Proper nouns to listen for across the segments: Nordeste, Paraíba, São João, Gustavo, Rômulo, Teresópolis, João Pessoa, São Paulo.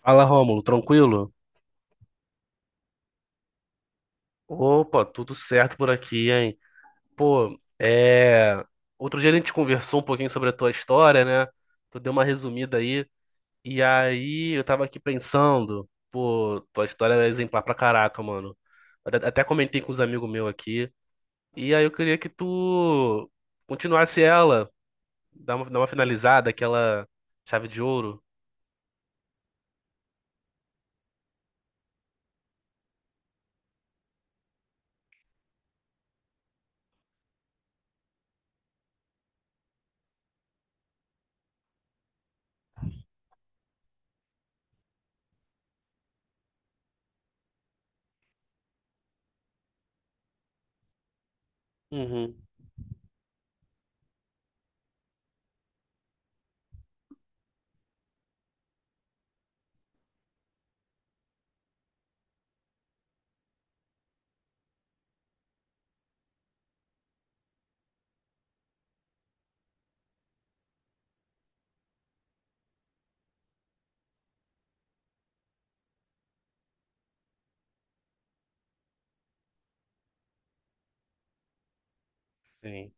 Fala, Rômulo, tranquilo? Opa, tudo certo por aqui, hein? Pô, é. Outro dia a gente conversou um pouquinho sobre a tua história, né? Tu deu uma resumida aí. E aí eu tava aqui pensando, pô, tua história é exemplar pra caraca, mano. Até comentei com os amigos meus aqui. E aí eu queria que tu continuasse ela, dar uma finalizada, aquela chave de ouro. Uhum. Sim.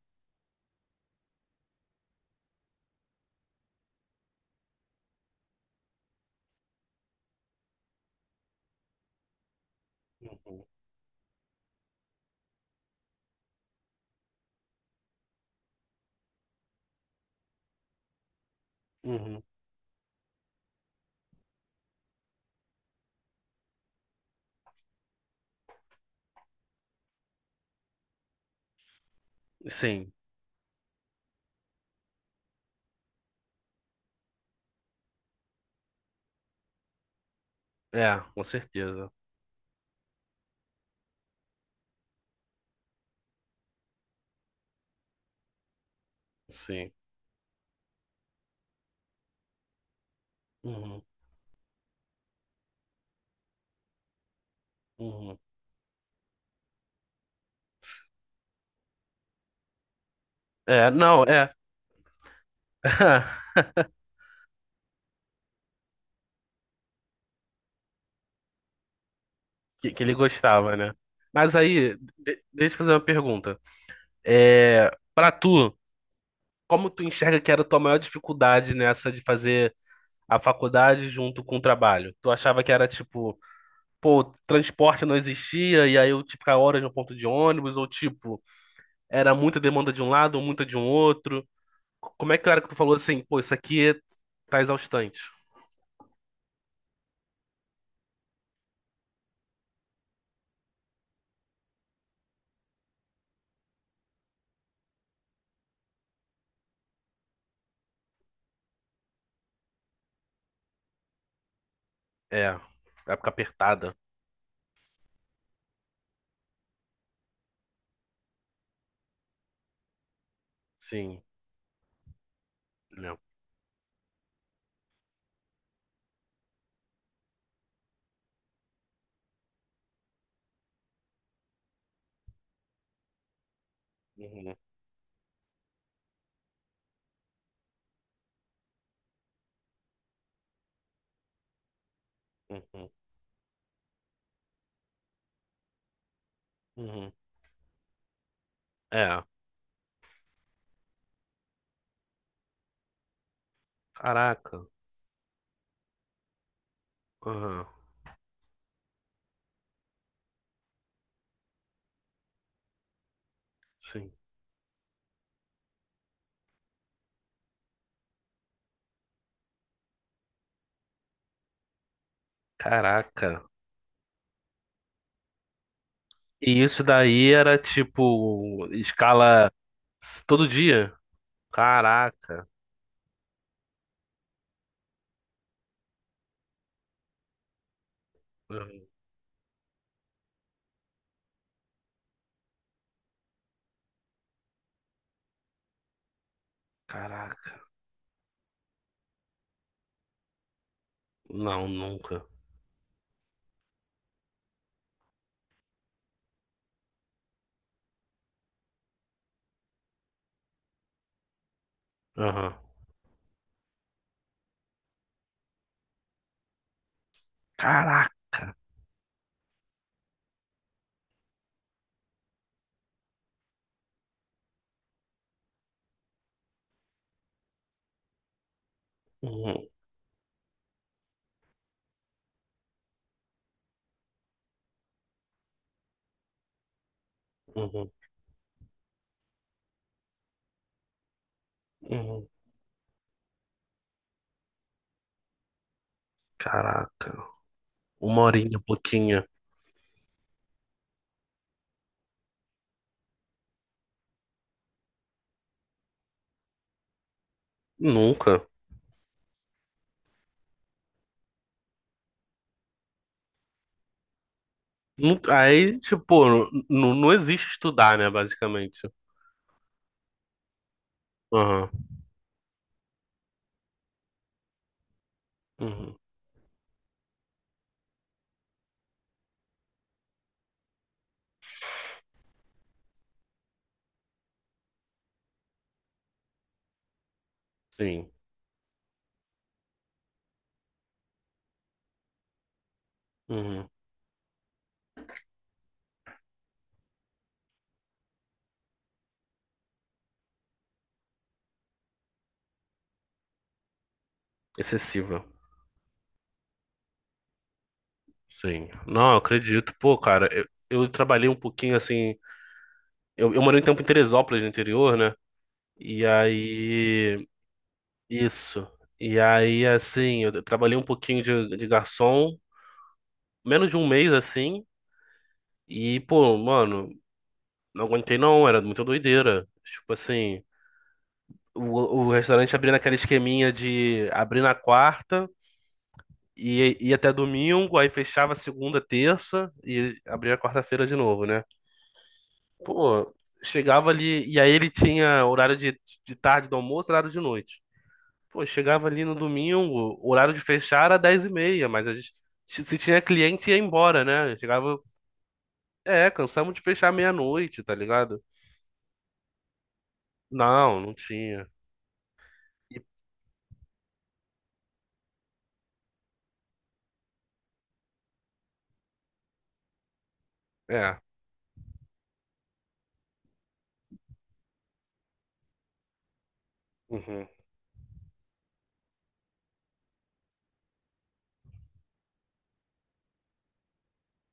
Uhum. Uhum. Sim. É, com certeza. Sim. Uhum. Uhum. É, não, é. Que ele gostava, né? Mas aí, deixa eu fazer uma pergunta. É, para tu, como tu enxerga que era a tua maior dificuldade nessa de fazer a faculdade junto com o trabalho? Tu achava que era tipo, pô, transporte não existia e aí eu tinha que ficar horas no ponto de ônibus, ou tipo, era muita demanda de um lado ou muita de um outro? Como é que era que tu falou assim, pô, isso aqui tá exaustante? É, época apertada. Sim, lembro. Uhum, uhum, uhum. É, caraca. Aham, sim. Caraca. E isso daí era tipo escala todo dia? Caraca. Uhum. Caraca. Não, nunca. Aham. Caraca. Uhum, uhum, uhum. Caraca. Uma horinha, pouquinho. Nunca. Aí, tipo, pô, não existe estudar, né, basicamente. Aham, uhum, sim, uhum. Excessiva, sim. Não, eu acredito, pô, cara, eu trabalhei um pouquinho, assim, eu morei um tempo em Teresópolis, no interior, né, e aí, isso, e aí, assim, eu trabalhei um pouquinho de garçom, menos de um mês, assim, e, pô, mano, não aguentei não, era muita doideira, tipo assim... O restaurante abria naquela esqueminha de abrir na quarta, e ia até domingo, aí fechava segunda, terça e abria quarta-feira de novo, né? Pô, chegava ali, e aí ele tinha horário de tarde do almoço, horário de noite. Pô, chegava ali no domingo, o horário de fechar era 10h30, mas a gente, se tinha cliente ia embora, né? Chegava, é, cansamos de fechar meia-noite, tá ligado? Não, não tinha. E- É, uhum.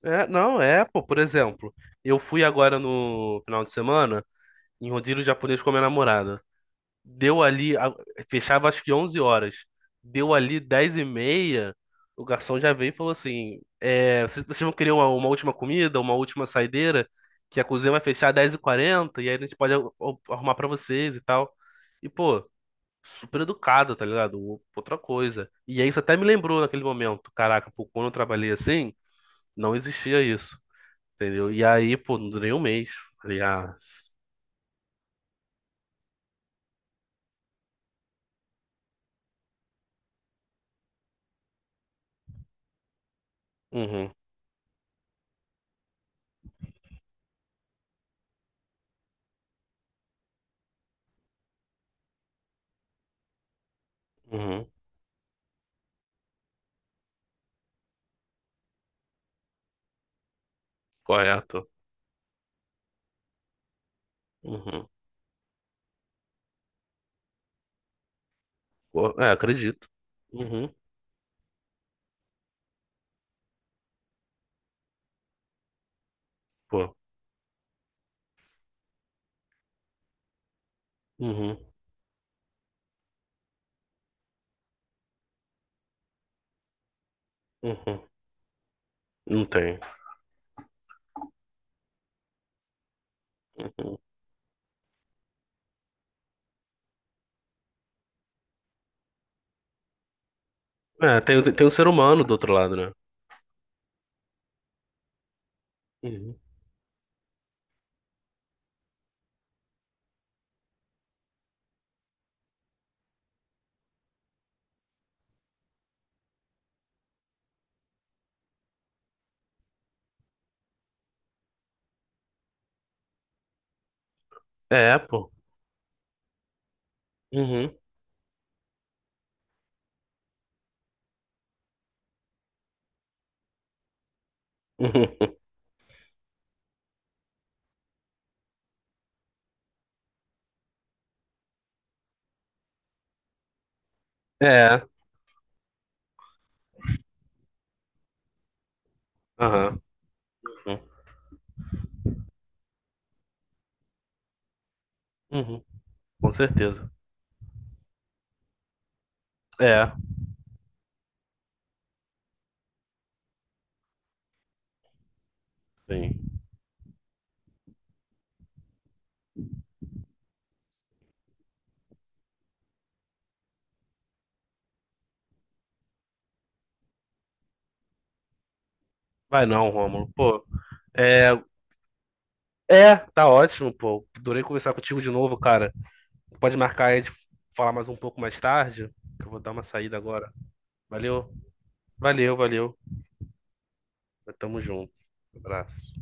É, não, é, pô, por exemplo, eu fui agora no final de semana em rodízio japonês com a minha namorada. Deu ali, fechava acho que 11h. Deu ali 10h30, o garçom já veio e falou assim: é, vocês vão querer uma última comida, uma última saideira? Que a cozinha vai fechar às 10h40 e quarenta e aí a gente pode arrumar pra vocês e tal. E, pô, super educado, tá ligado? Outra coisa. E aí isso até me lembrou naquele momento: caraca, pô, quando eu trabalhei assim, não existia isso, entendeu? E aí, pô, não durei um mês. Falei, ah, uhum, uhum, correto. Uhum. Pô, é, acredito. Uhum, pô, uhum, uhum. Não tem. Uhum, é, tem, tem um ser humano do outro lado, né? Uhum, é, pô. Uhum, uhum, é, aham, uhum. Uhum. Com certeza. É, sim. Vai não, Rômulo. Pô, é, é, tá ótimo, pô. Adorei conversar contigo de novo, cara. Pode marcar aí de falar mais um pouco mais tarde, que eu vou dar uma saída agora. Valeu, valeu, valeu. Tamo junto. Abraço.